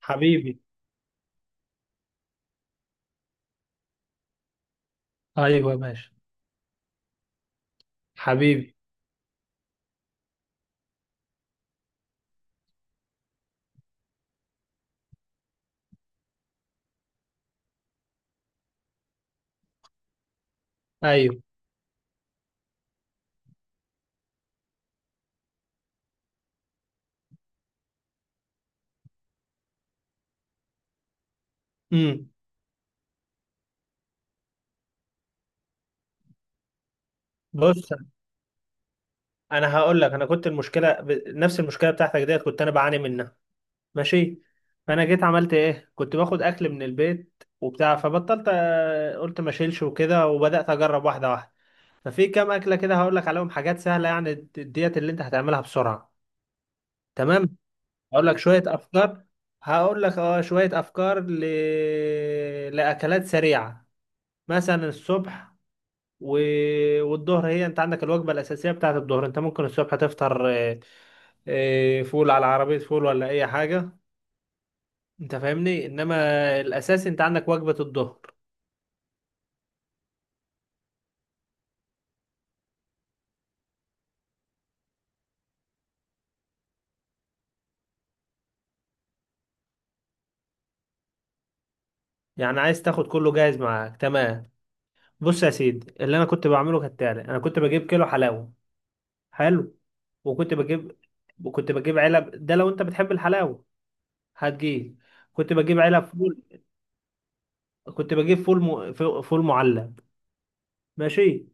حبيبي. ايوه ماشي. حبيبي. ايوه. امم بص، انا هقول لك انا كنت المشكله نفس المشكله بتاعتك ديت كنت انا بعاني منها. ماشي. فانا جيت عملت ايه، كنت باخد اكل من البيت وبتاع فبطلت، قلت ما اشيلش وكده وبدات اجرب واحده واحده. ففي كام اكله كده هقول لك عليهم، حاجات سهله يعني ديت اللي انت هتعملها بسرعه. تمام. هقول لك شويه افكار. هقول لك اه شويه افكار لاكلات سريعه. مثلا الصبح و... والظهر، هي انت عندك الوجبه الاساسيه بتاعت الظهر. انت ممكن الصبح تفطر فول على عربيه فول ولا اي حاجه، انت فاهمني. انما الاساس انت عندك وجبه الظهر. يعني عايز تاخد كله جاهز معاك. تمام. بص يا سيدي، اللي انا كنت بعمله كالتالي: انا كنت بجيب كيلو حلاوه. حلو. وكنت بجيب وكنت بجيب علب، ده لو انت بتحب الحلاوه هتجيب. كنت بجيب علب فول. كنت بجيب فول فول معلب. ماشي.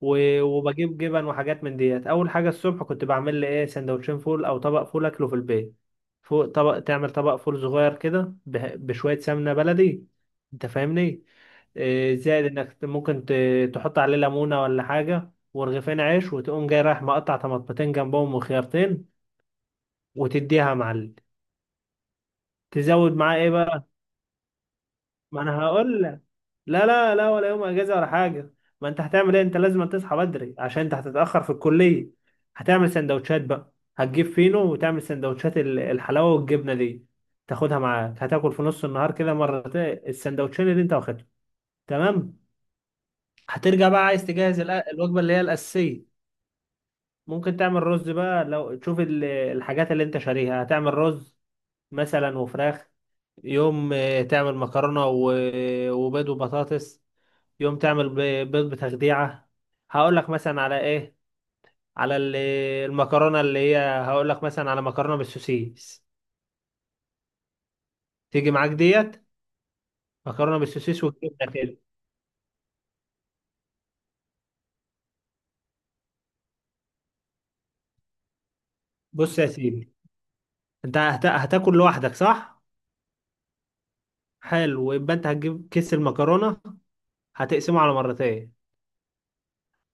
وبجيب جبن وحاجات من ديت. اول حاجه الصبح كنت بعمل لي ايه، سندوتشين فول او طبق فول اكله في البيت. فوق طبق تعمل طبق فول صغير كده بشويه سمنه بلدي، انت فاهمني. زائد انك ممكن تحط عليه ليمونه ولا حاجه ورغيفين عيش، وتقوم جاي رايح مقطع طماطمتين جنبهم وخيارتين وتديها يا معلم. تزود معاه ايه بقى. ما انا هقول لك. لا لا لا، ولا يوم اجازه ولا حاجه. ما انت هتعمل ايه، انت لازم تصحى بدري عشان انت هتتاخر في الكليه. هتعمل سندوتشات بقى، هتجيب فينو وتعمل سندوتشات الحلاوه والجبنه دي. تاخدها معاك، هتاكل في نص النهار كده مرتين السندوتشين اللي انت واخدهم. تمام. هترجع بقى عايز تجهز الوجبه اللي هي الاساسيه. ممكن تعمل رز بقى، لو تشوف الحاجات اللي انت شاريها هتعمل رز مثلا وفراخ. يوم تعمل مكرونه وبيض وبطاطس. يوم تعمل بيض بتخديعة. هقول لك مثلا على ايه، على المكرونة اللي هي هقول لك مثلا على مكرونة بالسوسيس. تيجي معاك ديت، مكرونة بالسوسيس والجبنة كده. بص يا سيدي، انت هتاكل لوحدك صح؟ حلو. يبقى انت هتجيب كيس المكرونة، هتقسمه على مرتين.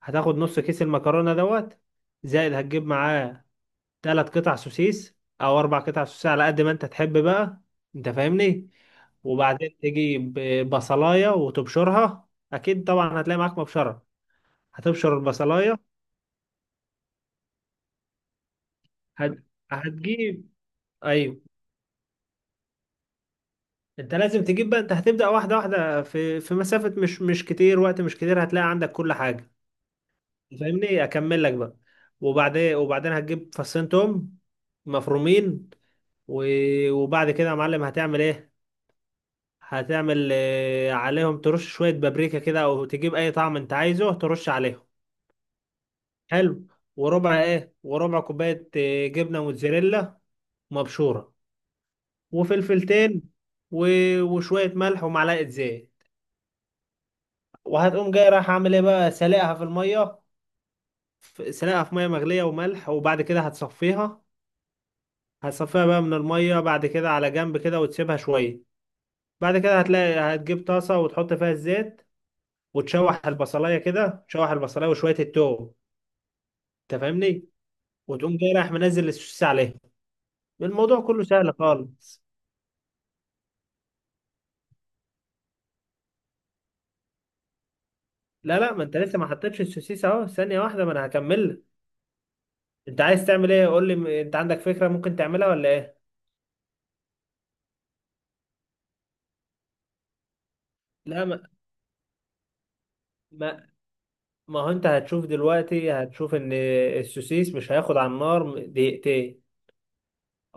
هتاخد نص كيس المكرونة دوت، زائد هتجيب معاه 3 قطع سوسيس او 4 قطع سوسيس على قد ما انت تحب بقى، انت فاهمني. وبعدين تجيب بصلايه وتبشرها، اكيد طبعا هتلاقي معاك مبشره. هتبشر البصلايه. هت... هتجيب. ايوه. انت لازم تجيب بقى، انت هتبدا واحده واحده في مسافه مش كتير، وقت مش كتير هتلاقي عندك كل حاجه، فاهمني. اكمل لك بقى. وبعدين هتجيب فصين توم مفرومين و... وبعد كده يا معلم هتعمل ايه، هتعمل عليهم ترش شوية بابريكا كده أو تجيب أي طعم أنت عايزه ترش عليهم. حلو. وربع إيه، وربع كوباية جبنة موتزاريلا مبشورة، وفلفلتين و... وشوية ملح، ومعلقة زيت. وهتقوم جاي رايح عامل إيه بقى، سلقها في المية. سلقها في مية مغلية وملح، وبعد كده هتصفيها. هتصفيها بقى من المية بعد كده على جنب كده وتسيبها شوية. بعد كده هتلاقي هتجيب طاسة وتحط فيها الزيت، وتشوح البصلاية كده، تشوح البصلاية وشوية التوم، انت فاهمني. وتقوم جاي رايح منزل السوسيس عليها. الموضوع كله سهل خالص. لا لا، ما انت لسه ما حطيتش السوسيس، اهو ثانيه واحده ما انا هكمل لك. انت عايز تعمل ايه قول لي، انت عندك فكره ممكن تعملها ولا ايه. لا ما ما هو انت هتشوف دلوقتي هتشوف ان السوسيس مش هياخد على النار دقيقتين.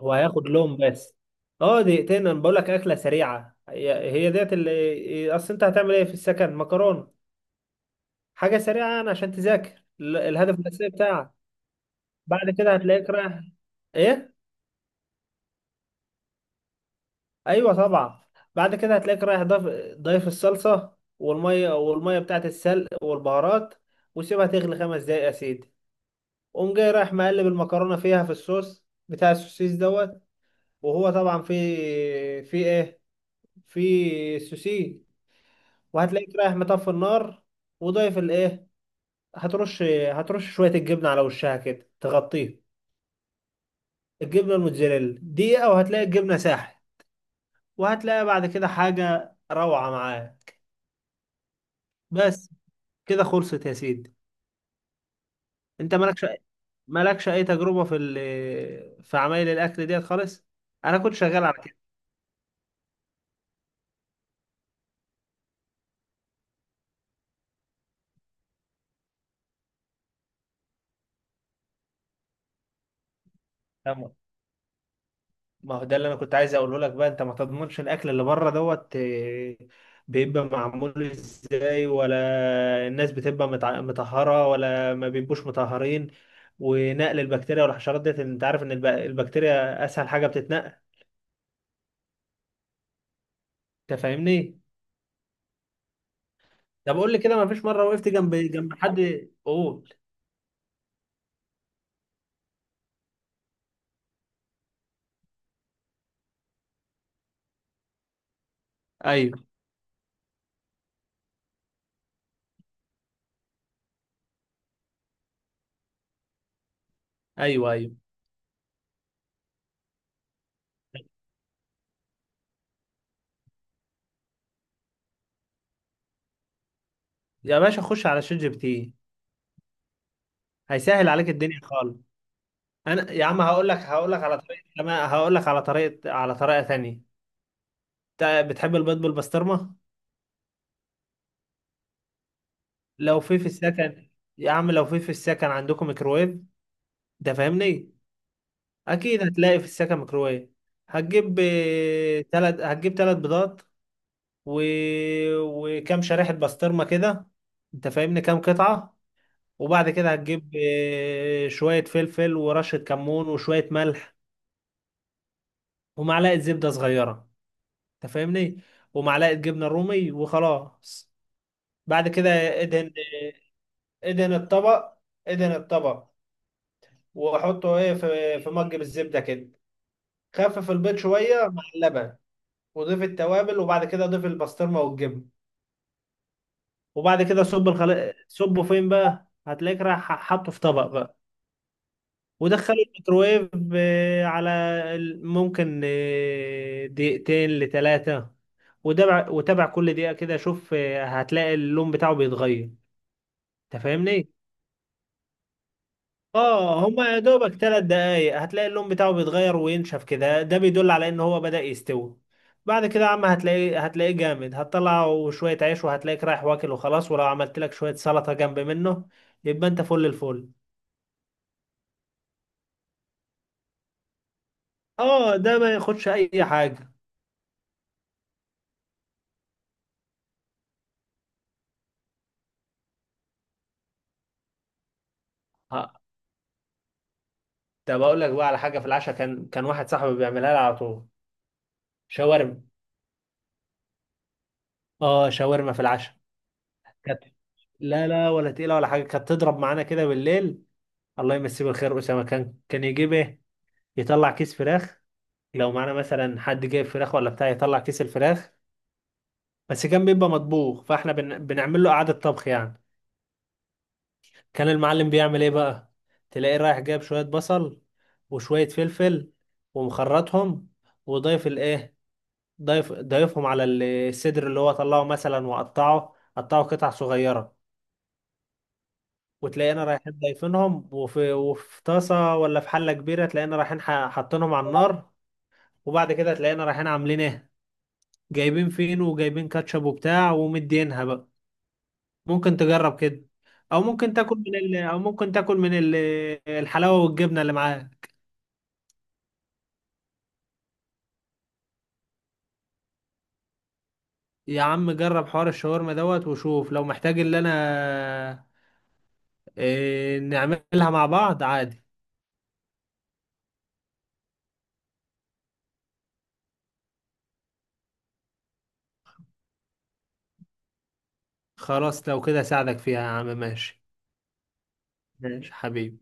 هو هياخد لون بس. اه دقيقتين، انا بقول لك اكله سريعه هي هي ديت، اللي اصل انت هتعمل ايه في السكن، مكرونه حاجه سريعه يعني عشان تذاكر الهدف الاساسي بتاعك. بعد كده هتلاقيك رايح ايه. ايوه طبعا. بعد كده هتلاقيك رايح، ضيف الصلصه والميه والميه بتاعت السلق والبهارات، وسيبها تغلي 5 دقايق يا سيدي. قوم جاي رايح مقلب المكرونه فيها في الصوص بتاع السوسيس دوت. وهو طبعا في في ايه في سوسيس. وهتلاقيك رايح مطفي النار، وضيف الايه، هترش شويه الجبنه على وشها كده تغطيه. الجبنه الموتزاريلا دقيقه، وهتلاقي الجبنه ساحت. وهتلاقي بعد كده حاجة روعة معاه. بس كده خلصت يا سيدي. انت مالكش اي تجربة في عمايل الاكل ديت خالص. انا كنت شغال على كده. تمام. ما هو ده اللي انا كنت عايز اقوله لك بقى، انت ما تضمنش الاكل اللي بره دوت، بيبقى معمول ازاي، ولا الناس بتبقى مطهرة ولا ما بيبقوش مطهرين. ونقل البكتيريا والحشرات ديت، انت عارف ان البكتيريا اسهل حاجة بتتنقل، انت فاهمني. طب قول لي كده، ما فيش مره وقفت جنب جنب حد قول. ايوه ايوه ايوه. يا باشا خش على شات جي بي تي، هيسهل عليك الدنيا خالص. انا يا عم هقول لك على طريقه كمان. هقول لك على طريقه، على طريقه ثانيه. انت بتحب البيض بالبسطرمه؟ لو في السكن، يا عم لو في السكن عندكم ميكروويف ده، فاهمني. اكيد هتلاقي في السكن ميكروويف. هتجيب ثلاث، هتجيب 3 بيضات و... وكم شريحه بسطرمه كده، انت فاهمني، كام قطعه. وبعد كده هتجيب شوية فلفل ورشة كمون وشوية ملح، ومعلقة زبدة صغيرة، انت فاهمني، ومعلقة جبنة رومي وخلاص. بعد كده ادهن، ادهن الطبق، ادهن الطبق، وحطه ايه في مج بالزبدة كده. خفف البيض شوية مع اللبن، وضيف التوابل، وبعد كده ضيف البسطرمة والجبن. وبعد كده صب صبه فين بقى، هتلاقيك رايح حاطه في طبق بقى. ودخلوا الميكروويف على ممكن دقيقتين لثلاثة. وتابع كل دقيقة كده، شوف هتلاقي اللون بتاعه بيتغير، انت فاهمني؟ اه هما يا دوبك 3 دقايق هتلاقي اللون بتاعه بيتغير وينشف كده، ده بيدل على ان هو بدأ يستوي. بعد كده يا عم هتلاقيه جامد، هتطلعه شوية عيش وهتلاقيك رايح واكل وخلاص، ولو عملت لك شوية سلطة جنب منه يبقى انت فل الفل. اه ده ما ياخدش اي حاجة. ده بقول لك بقى على حاجه في العشاء، كان كان واحد صاحبي بيعملها لي على طول: شاورما. اه شاورما في العشاء. كانت لا لا ولا تقيله ولا حاجه، كانت تضرب معانا كده بالليل. الله يمسيه بالخير اسامه، كان كان يجيب ايه، يطلع كيس فراخ، لو معانا مثلا حد جايب فراخ ولا بتاع يطلع كيس الفراخ. بس كان بيبقى مطبوخ، فاحنا بنعمل له قعده طبخ يعني. كان المعلم بيعمل ايه بقى، تلاقيه رايح جايب شويه بصل وشويه فلفل ومخرطهم، وضايف الايه، ضيفهم على الصدر اللي هو طلعه مثلا وقطعه قطعه قطع صغيرة، وتلاقينا رايحين ضايفينهم، وفي طاسة ولا في حلة كبيرة، تلاقينا رايحين حاطينهم على النار. وبعد كده تلاقينا رايحين عاملين ايه، جايبين فينو وجايبين كاتشب وبتاع ومدينها بقى. ممكن تجرب كده. او ممكن تاكل من الحلاوة والجبنة اللي معاك. يا عم جرب حوار الشاورما دوت وشوف، لو محتاج اللي انا نعملها مع بعض عادي. خلاص، لو كده اساعدك فيها يا عم، ماشي. ماشي حبيبي.